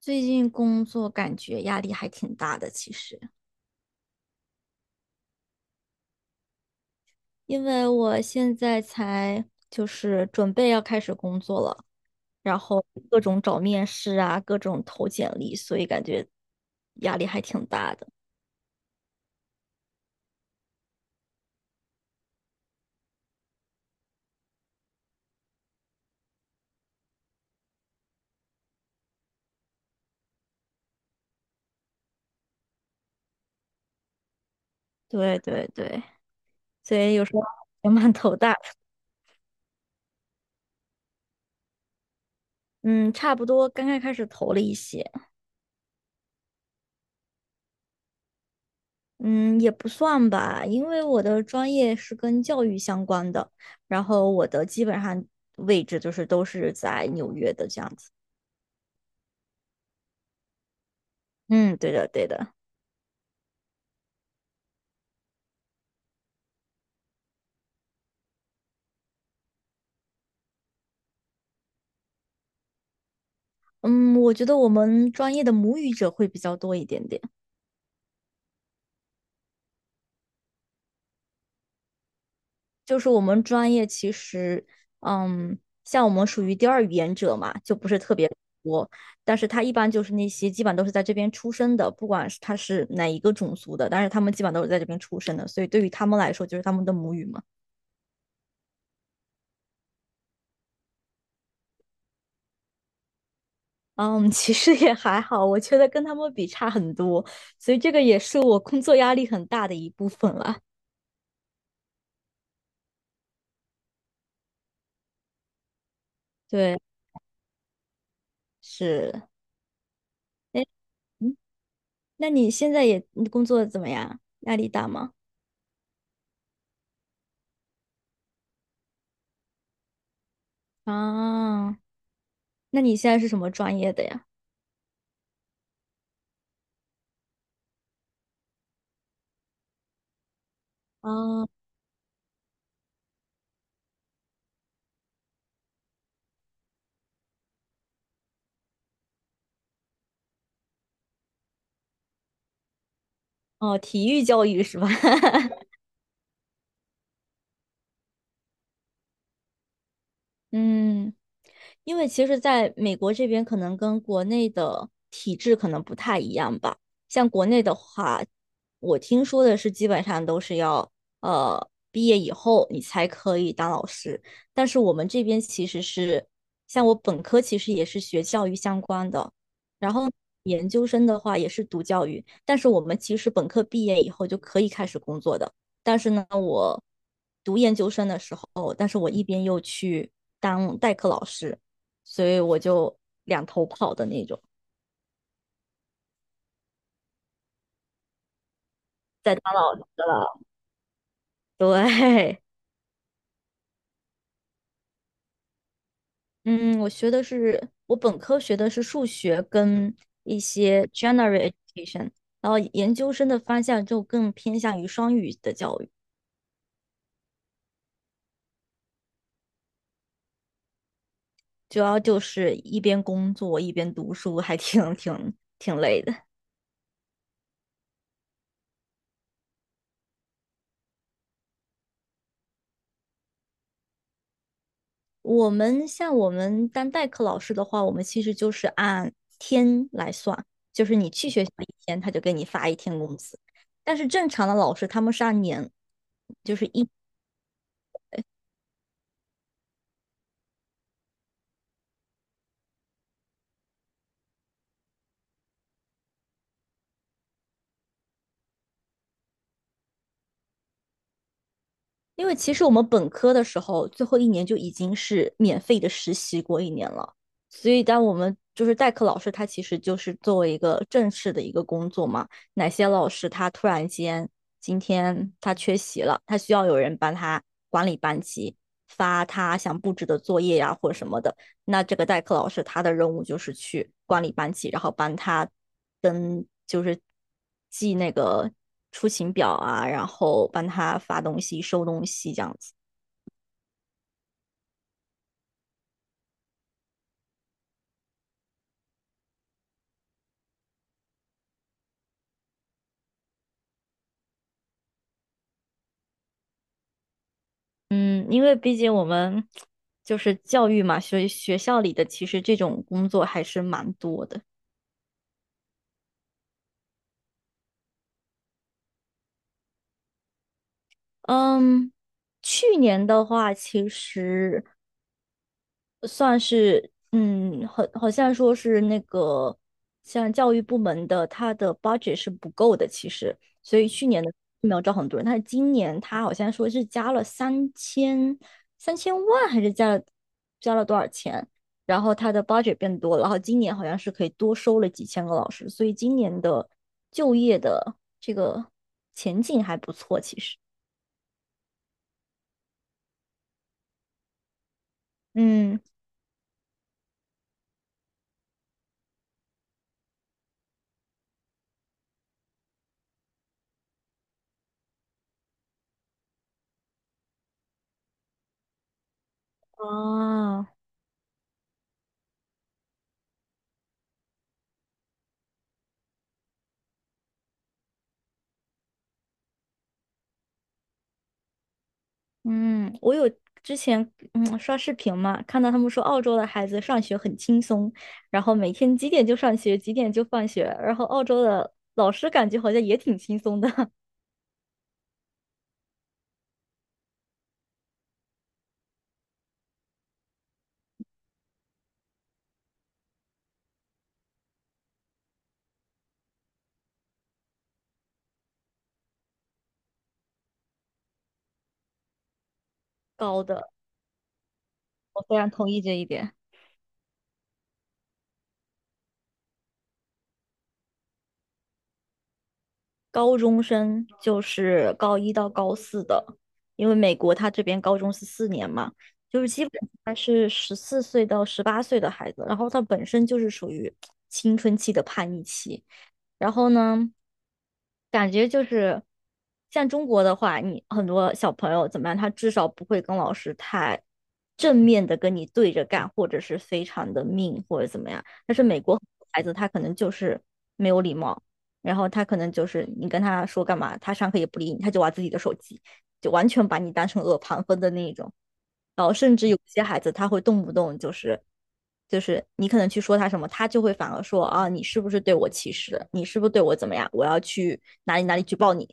最近工作感觉压力还挺大的，其实，因为我现在才就是准备要开始工作了，然后各种找面试啊，各种投简历，所以感觉压力还挺大的。对对对，所以有时候也蛮头大的。嗯，差不多刚刚开始投了一些。嗯，也不算吧，因为我的专业是跟教育相关的，然后我的基本上位置就是都是在纽约的这样子。嗯，对的对的。嗯，我觉得我们专业的母语者会比较多一点点。就是我们专业其实，嗯，像我们属于第二语言者嘛，就不是特别多。但是他一般就是那些基本都是在这边出生的，不管是他是哪一个种族的，但是他们基本都是在这边出生的，所以对于他们来说就是他们的母语嘛。嗯，其实也还好，我觉得跟他们比差很多，所以这个也是我工作压力很大的一部分啦。对，是。诶，嗯，那你现在也你工作怎么样？压力大吗？啊，那你现在是什么专业的呀？啊，哦，体育教育是吧？嗯。因为其实在美国这边，可能跟国内的体制可能不太一样吧。像国内的话，我听说的是基本上都是要毕业以后你才可以当老师，但是我们这边其实是，像我本科其实也是学教育相关的，然后研究生的话也是读教育，但是我们其实本科毕业以后就可以开始工作的。但是呢，我读研究生的时候，但是我一边又去当代课老师，所以我就两头跑的那种，在当老师了。对。嗯，我本科学的是数学跟一些 general education，然后研究生的方向就更偏向于双语的教育。主要就是一边工作一边读书，还挺累的。我们像我们当代课老师的话，我们其实就是按天来算，就是你去学校一天，他就给你发一天工资。但是正常的老师他们是按年，就是一。因为其实我们本科的时候，最后一年就已经是免费的实习过一年了，所以当我们就是代课老师，他其实就是作为一个正式的一个工作嘛。哪些老师他突然间今天他缺席了，他需要有人帮他管理班级，发他想布置的作业呀、或者什么的，那这个代课老师他的任务就是去管理班级，然后帮他就是记那个出勤表啊，然后帮他发东西、收东西这样子。嗯，因为毕竟我们就是教育嘛，所以学校里的其实这种工作还是蛮多的。嗯，去年的话，其实算是好像说是那个像教育部门的，他的 budget 是不够的，其实，所以去年的没有招很多人。但是今年他好像说是加了3000万，还是加了多少钱？然后他的 budget 变多了，然后今年好像是可以多收了几千个老师，所以今年的就业的这个前景还不错，其实。嗯。啊。嗯，我有之前刷视频嘛，看到他们说澳洲的孩子上学很轻松，然后每天几点就上学，几点就放学，然后澳洲的老师感觉好像也挺轻松的。高的，我非常同意这一点。高中生就是高一到高四的，因为美国他这边高中是4年嘛，就是基本他是14岁到18岁的孩子，然后他本身就是属于青春期的叛逆期，然后呢，感觉就是像中国的话，你很多小朋友怎么样，他至少不会跟老师太正面的跟你对着干，或者是非常的命或者怎么样。但是美国很多孩子他可能就是没有礼貌，然后他可能就是你跟他说干嘛，他上课也不理你，他就玩自己的手机。就完全把你当成恶旁风的那一种。然后甚至有些孩子他会动不动就是你可能去说他什么，他就会反而说啊，你是不是对我歧视？你是不是对我怎么样？我要去哪里哪里举报你。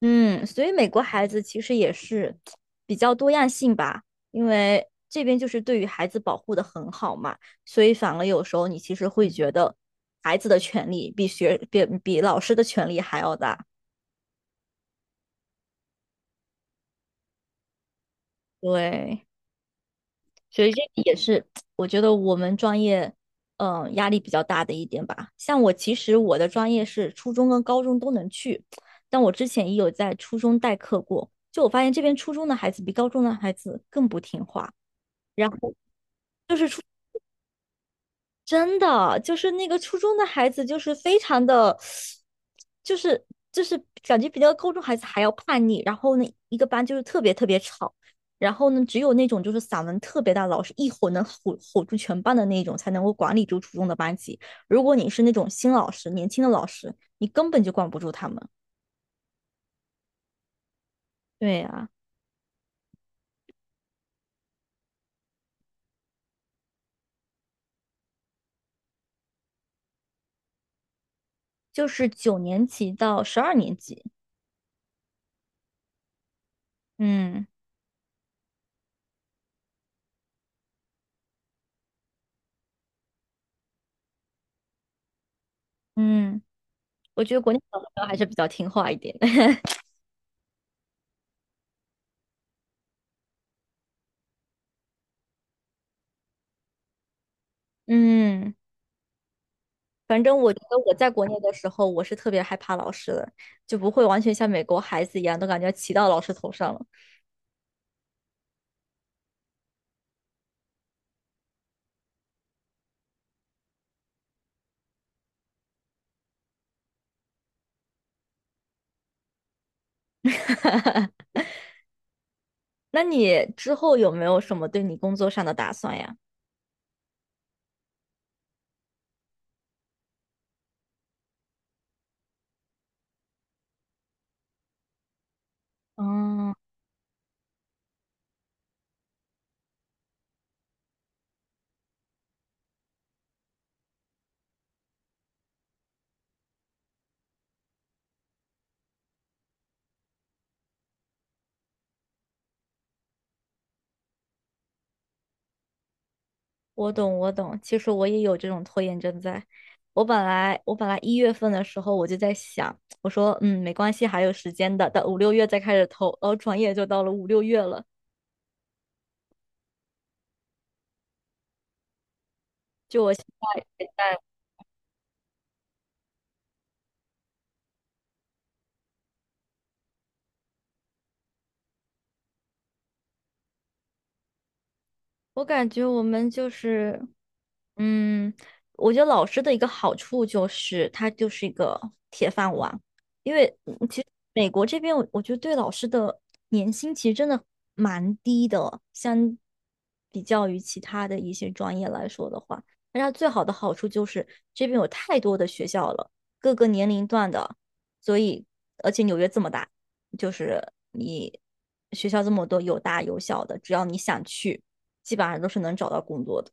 嗯，所以美国孩子其实也是比较多样性吧，因为这边就是对于孩子保护的很好嘛，所以反而有时候你其实会觉得孩子的权利比学比比老师的权利还要大。对，所以这个也是我觉得我们专业，压力比较大的一点吧。像我其实我的专业是初中跟高中都能去，但我之前也有在初中代课过，就我发现这边初中的孩子比高中的孩子更不听话。然后。真的就是那个初中的孩子，就是非常的，就是就是感觉比那个高中孩子还要叛逆。然后呢，一个班就是特别特别吵，然后呢，只有那种就是嗓门特别大，老师一吼能吼住全班的那种，才能够管理住初中的班级。如果你是那种新老师、年轻的老师，你根本就管不住他们。对啊，就是9年级到12年级。嗯嗯，我觉得国内小朋友还是比较听话一点的。嗯。反正我觉得我在国内的时候，我是特别害怕老师的，就不会完全像美国孩子一样，都感觉骑到老师头上了。那你之后有没有什么对你工作上的打算呀？嗯，我懂，我懂。其实我也有这种拖延症在。我本来1月份的时候我就在想，我说嗯没关系，还有时间的，等五六月再开始投，然后转眼就到了五六月了。我感觉我们就是，嗯，我觉得老师的一个好处就是他就是一个铁饭碗，因为其实美国这边我觉得对老师的年薪其实真的蛮低的，相比较于其他的一些专业来说的话，但它最好的好处就是这边有太多的学校了，各个年龄段的，所以而且纽约这么大，就是你学校这么多，有大有小的，只要你想去。基本上都是能找到工作的，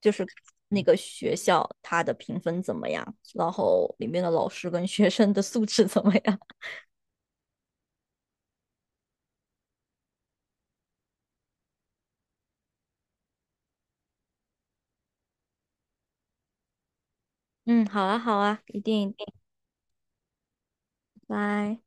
就是那个学校它的评分怎么样，然后里面的老师跟学生的素质怎么样。嗯，好啊，好啊，一定一定，拜。